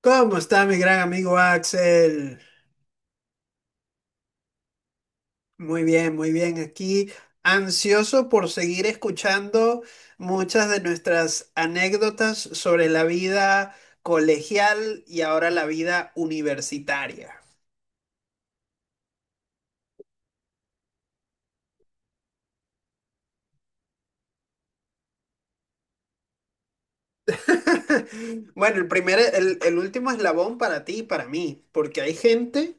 ¿Cómo está mi gran amigo Axel? Muy bien, muy bien. Aquí ansioso por seguir escuchando muchas de nuestras anécdotas sobre la vida colegial y ahora la vida universitaria. Bueno, el último eslabón para ti y para mí, porque hay gente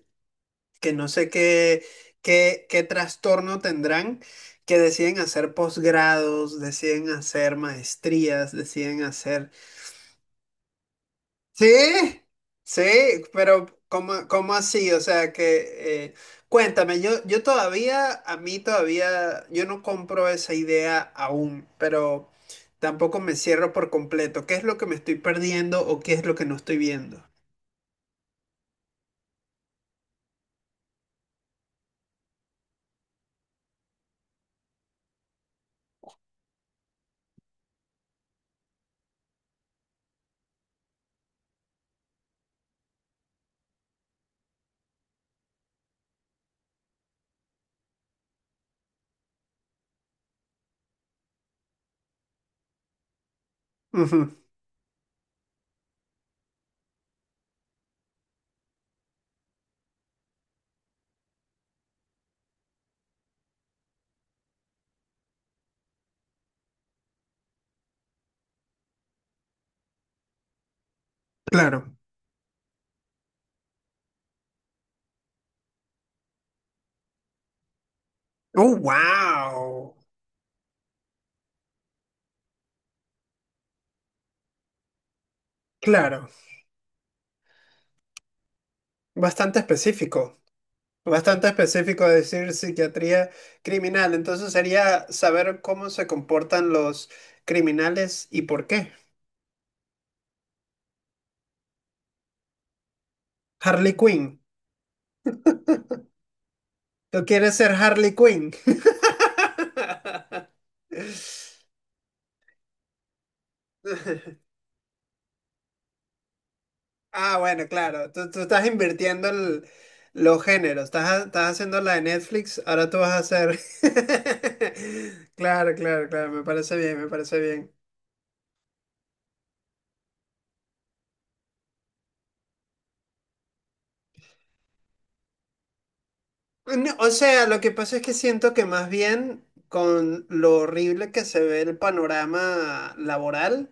que no sé qué, qué trastorno tendrán, que deciden hacer posgrados, deciden hacer maestrías, deciden hacer. Sí, sí, pero ¿cómo, cómo así? O sea que, cuéntame, a mí todavía, yo no compro esa idea aún, pero tampoco me cierro por completo. ¿Qué es lo que me estoy perdiendo o qué es lo que no estoy viendo? Ujú, claro. Oh, wow. Claro. Bastante específico. Bastante específico decir psiquiatría criminal. Entonces sería saber cómo se comportan los criminales y por qué. Harley Quinn. ¿Tú quieres ser Harley Quinn? Ah, bueno, claro. Tú estás invirtiendo los géneros. Estás haciendo la de Netflix. Ahora tú vas a hacer. Claro, claro, claro. Me parece bien, me parece bien. No, o sea, lo que pasa es que siento que más bien con lo horrible que se ve el panorama laboral,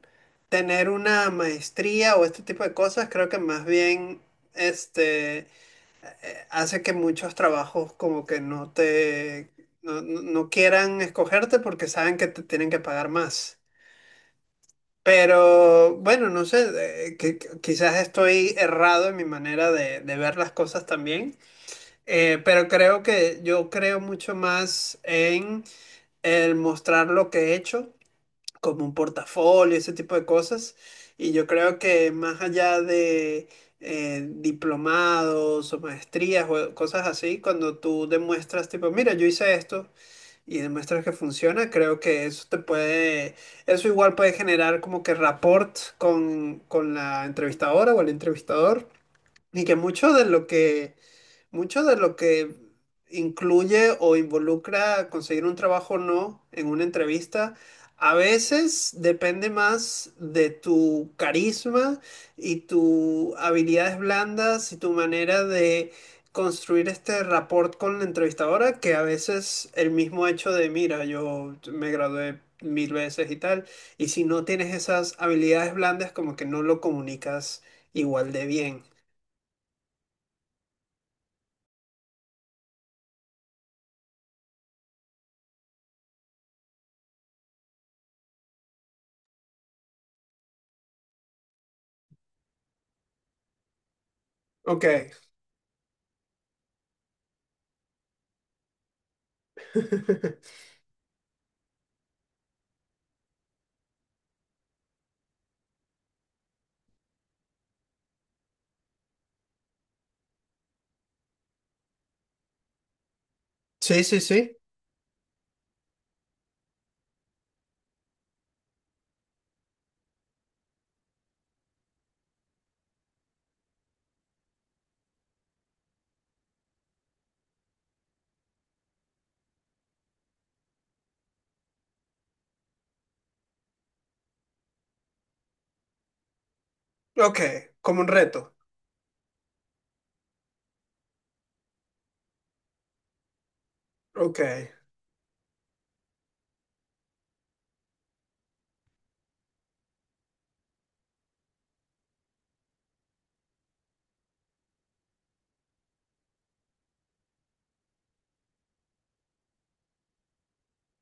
tener una maestría o este tipo de cosas, creo que más bien este. Hace que muchos trabajos como que no te, no quieran escogerte porque saben que te tienen que pagar más. Pero bueno, no sé, que quizás estoy errado en mi manera de ver las cosas también, pero creo que yo creo mucho más en el mostrar lo que he hecho como un portafolio, ese tipo de cosas. Y yo creo que más allá de diplomados o maestrías o cosas así, cuando tú demuestras, tipo, mira, yo hice esto y demuestras que funciona, creo que eso te puede, eso igual puede generar como que rapport con la entrevistadora o el entrevistador. Y que mucho de lo que incluye o involucra conseguir un trabajo o no en una entrevista, a veces depende más de tu carisma y tus habilidades blandas y tu manera de construir este rapport con la entrevistadora que a veces el mismo hecho de, mira, yo me gradué mil veces y tal, y si no tienes esas habilidades blandas, como que no lo comunicas igual de bien. Ok. Sí, sí, sí. Ok, como un reto. Ok.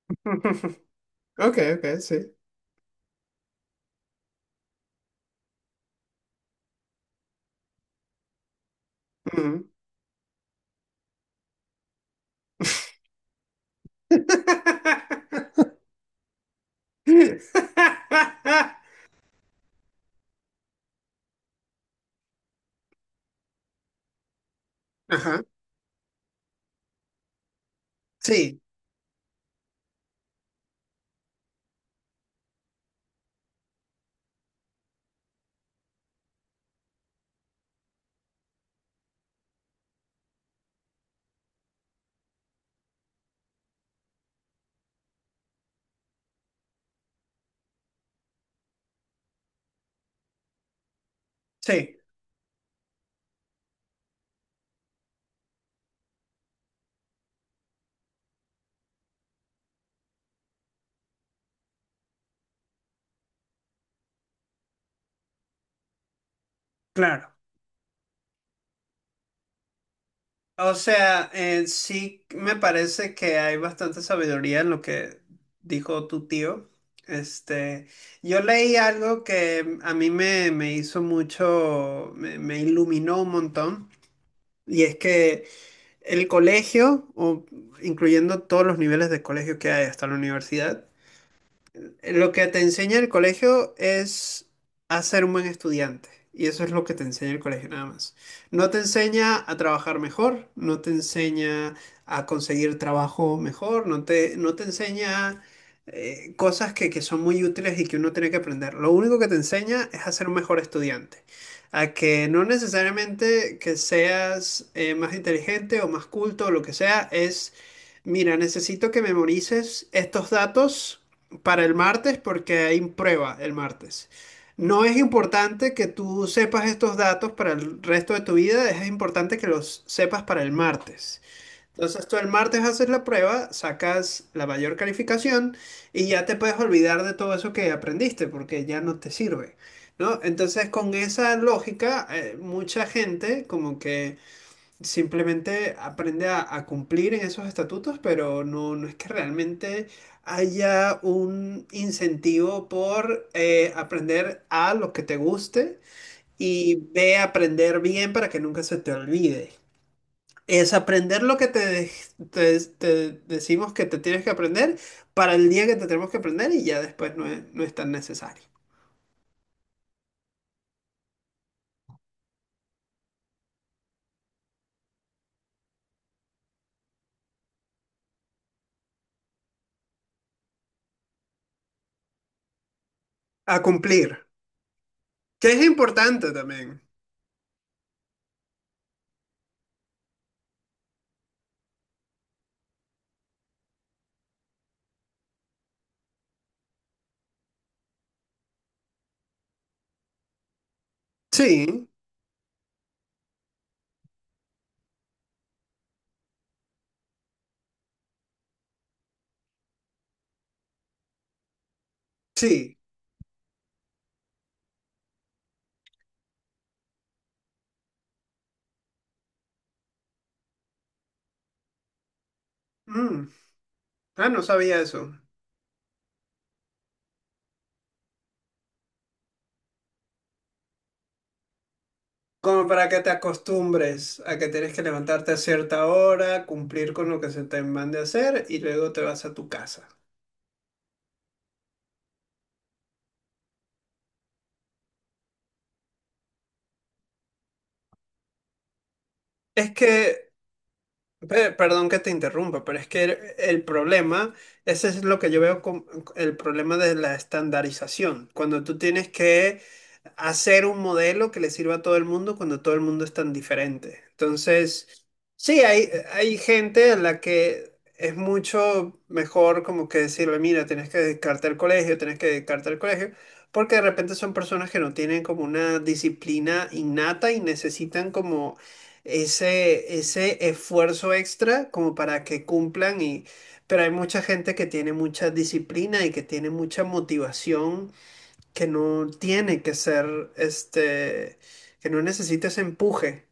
Ok, ok, sí. Ujú. Ajá. Sí, sí, claro. O sea, sí me parece que hay bastante sabiduría en lo que dijo tu tío. Este, yo leí algo que a mí me hizo mucho, me iluminó un montón, y es que el colegio, o incluyendo todos los niveles de colegio que hay hasta la universidad, lo que te enseña el colegio es a ser un buen estudiante. Y eso es lo que te enseña el colegio nada más. No te enseña a trabajar mejor, no te enseña a conseguir trabajo mejor, no te enseña cosas que son muy útiles y que uno tiene que aprender. Lo único que te enseña es a ser un mejor estudiante. A que no necesariamente que seas más inteligente o más culto o lo que sea, es, mira, necesito que memorices estos datos para el martes porque hay prueba el martes. No es importante que tú sepas estos datos para el resto de tu vida, es importante que los sepas para el martes. Entonces tú el martes haces la prueba, sacas la mayor calificación y ya te puedes olvidar de todo eso que aprendiste porque ya no te sirve, ¿no? Entonces con esa lógica, mucha gente como que simplemente aprende a cumplir en esos estatutos, pero no, no es que realmente haya un incentivo por aprender a lo que te guste y ve a aprender bien para que nunca se te olvide. Es aprender lo que te, te decimos que te tienes que aprender para el día que te tenemos que aprender y ya después no es tan necesario. A cumplir, que es importante también. Sí, sí. Mm. Ah, no sabía eso. Como para que te acostumbres a que tienes que levantarte a cierta hora, cumplir con lo que se te mande a hacer y luego te vas a tu casa. Es que, perdón que te interrumpa, pero es que el problema, ese es lo que yo veo como el problema de la estandarización. Cuando tú tienes que hacer un modelo que le sirva a todo el mundo cuando todo el mundo es tan diferente. Entonces, sí, hay gente a la que es mucho mejor como que decirle, mira, tienes que dedicarte al colegio, tienes que dedicarte al colegio, porque de repente son personas que no tienen como una disciplina innata y necesitan como ese esfuerzo extra como para que cumplan y... Pero hay mucha gente que tiene mucha disciplina y que tiene mucha motivación que no tiene que ser, este, que no necesita ese empuje.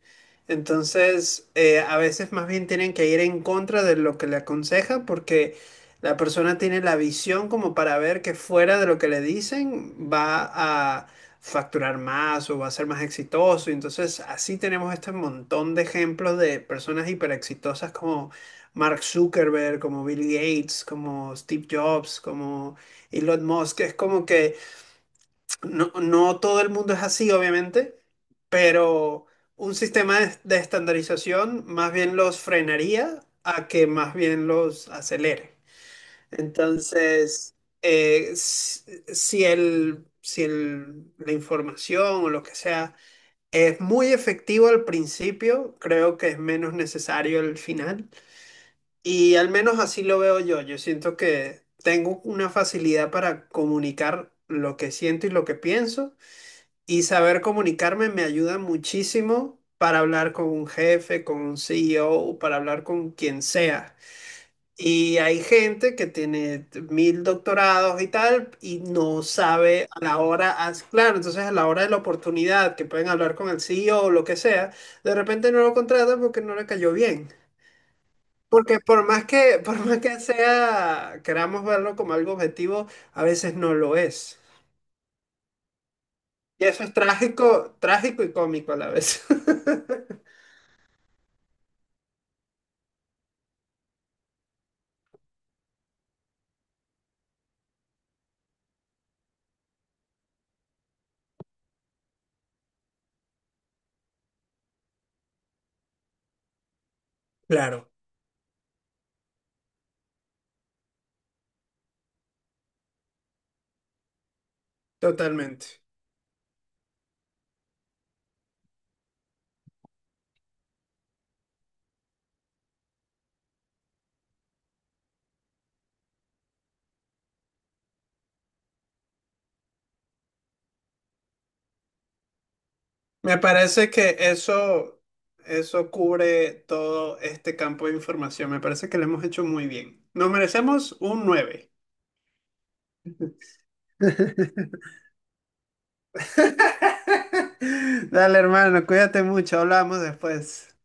Entonces, a veces más bien tienen que ir en contra de lo que le aconseja porque la persona tiene la visión como para ver que fuera de lo que le dicen va a facturar más o va a ser más exitoso. Y entonces, así tenemos este montón de ejemplos de personas hiper exitosas como Mark Zuckerberg, como Bill Gates, como Steve Jobs, como Elon Musk. Es como que no, no todo el mundo es así, obviamente, pero un sistema de estandarización más bien los frenaría a que más bien los acelere. Entonces, eh, s- si el, la información o lo que sea es muy efectivo al principio, creo que es menos necesario el final. Y al menos así lo veo yo. Yo siento que tengo una facilidad para comunicar lo que siento y lo que pienso. Y saber comunicarme me ayuda muchísimo para hablar con un jefe, con un CEO, para hablar con quien sea. Y hay gente que tiene mil doctorados y tal y no sabe a la hora, as- claro, entonces a la hora de la oportunidad que pueden hablar con el CEO o lo que sea, de repente no lo contratan porque no le cayó bien. Porque por más que, por más que sea, queramos verlo como algo objetivo, a veces no lo es. Y eso es trágico, trágico y cómico a la vez. Claro, totalmente. Me parece que eso cubre todo este campo de información. Me parece que lo hemos hecho muy bien. Nos merecemos un nueve. Dale, hermano, cuídate mucho. Hablamos después.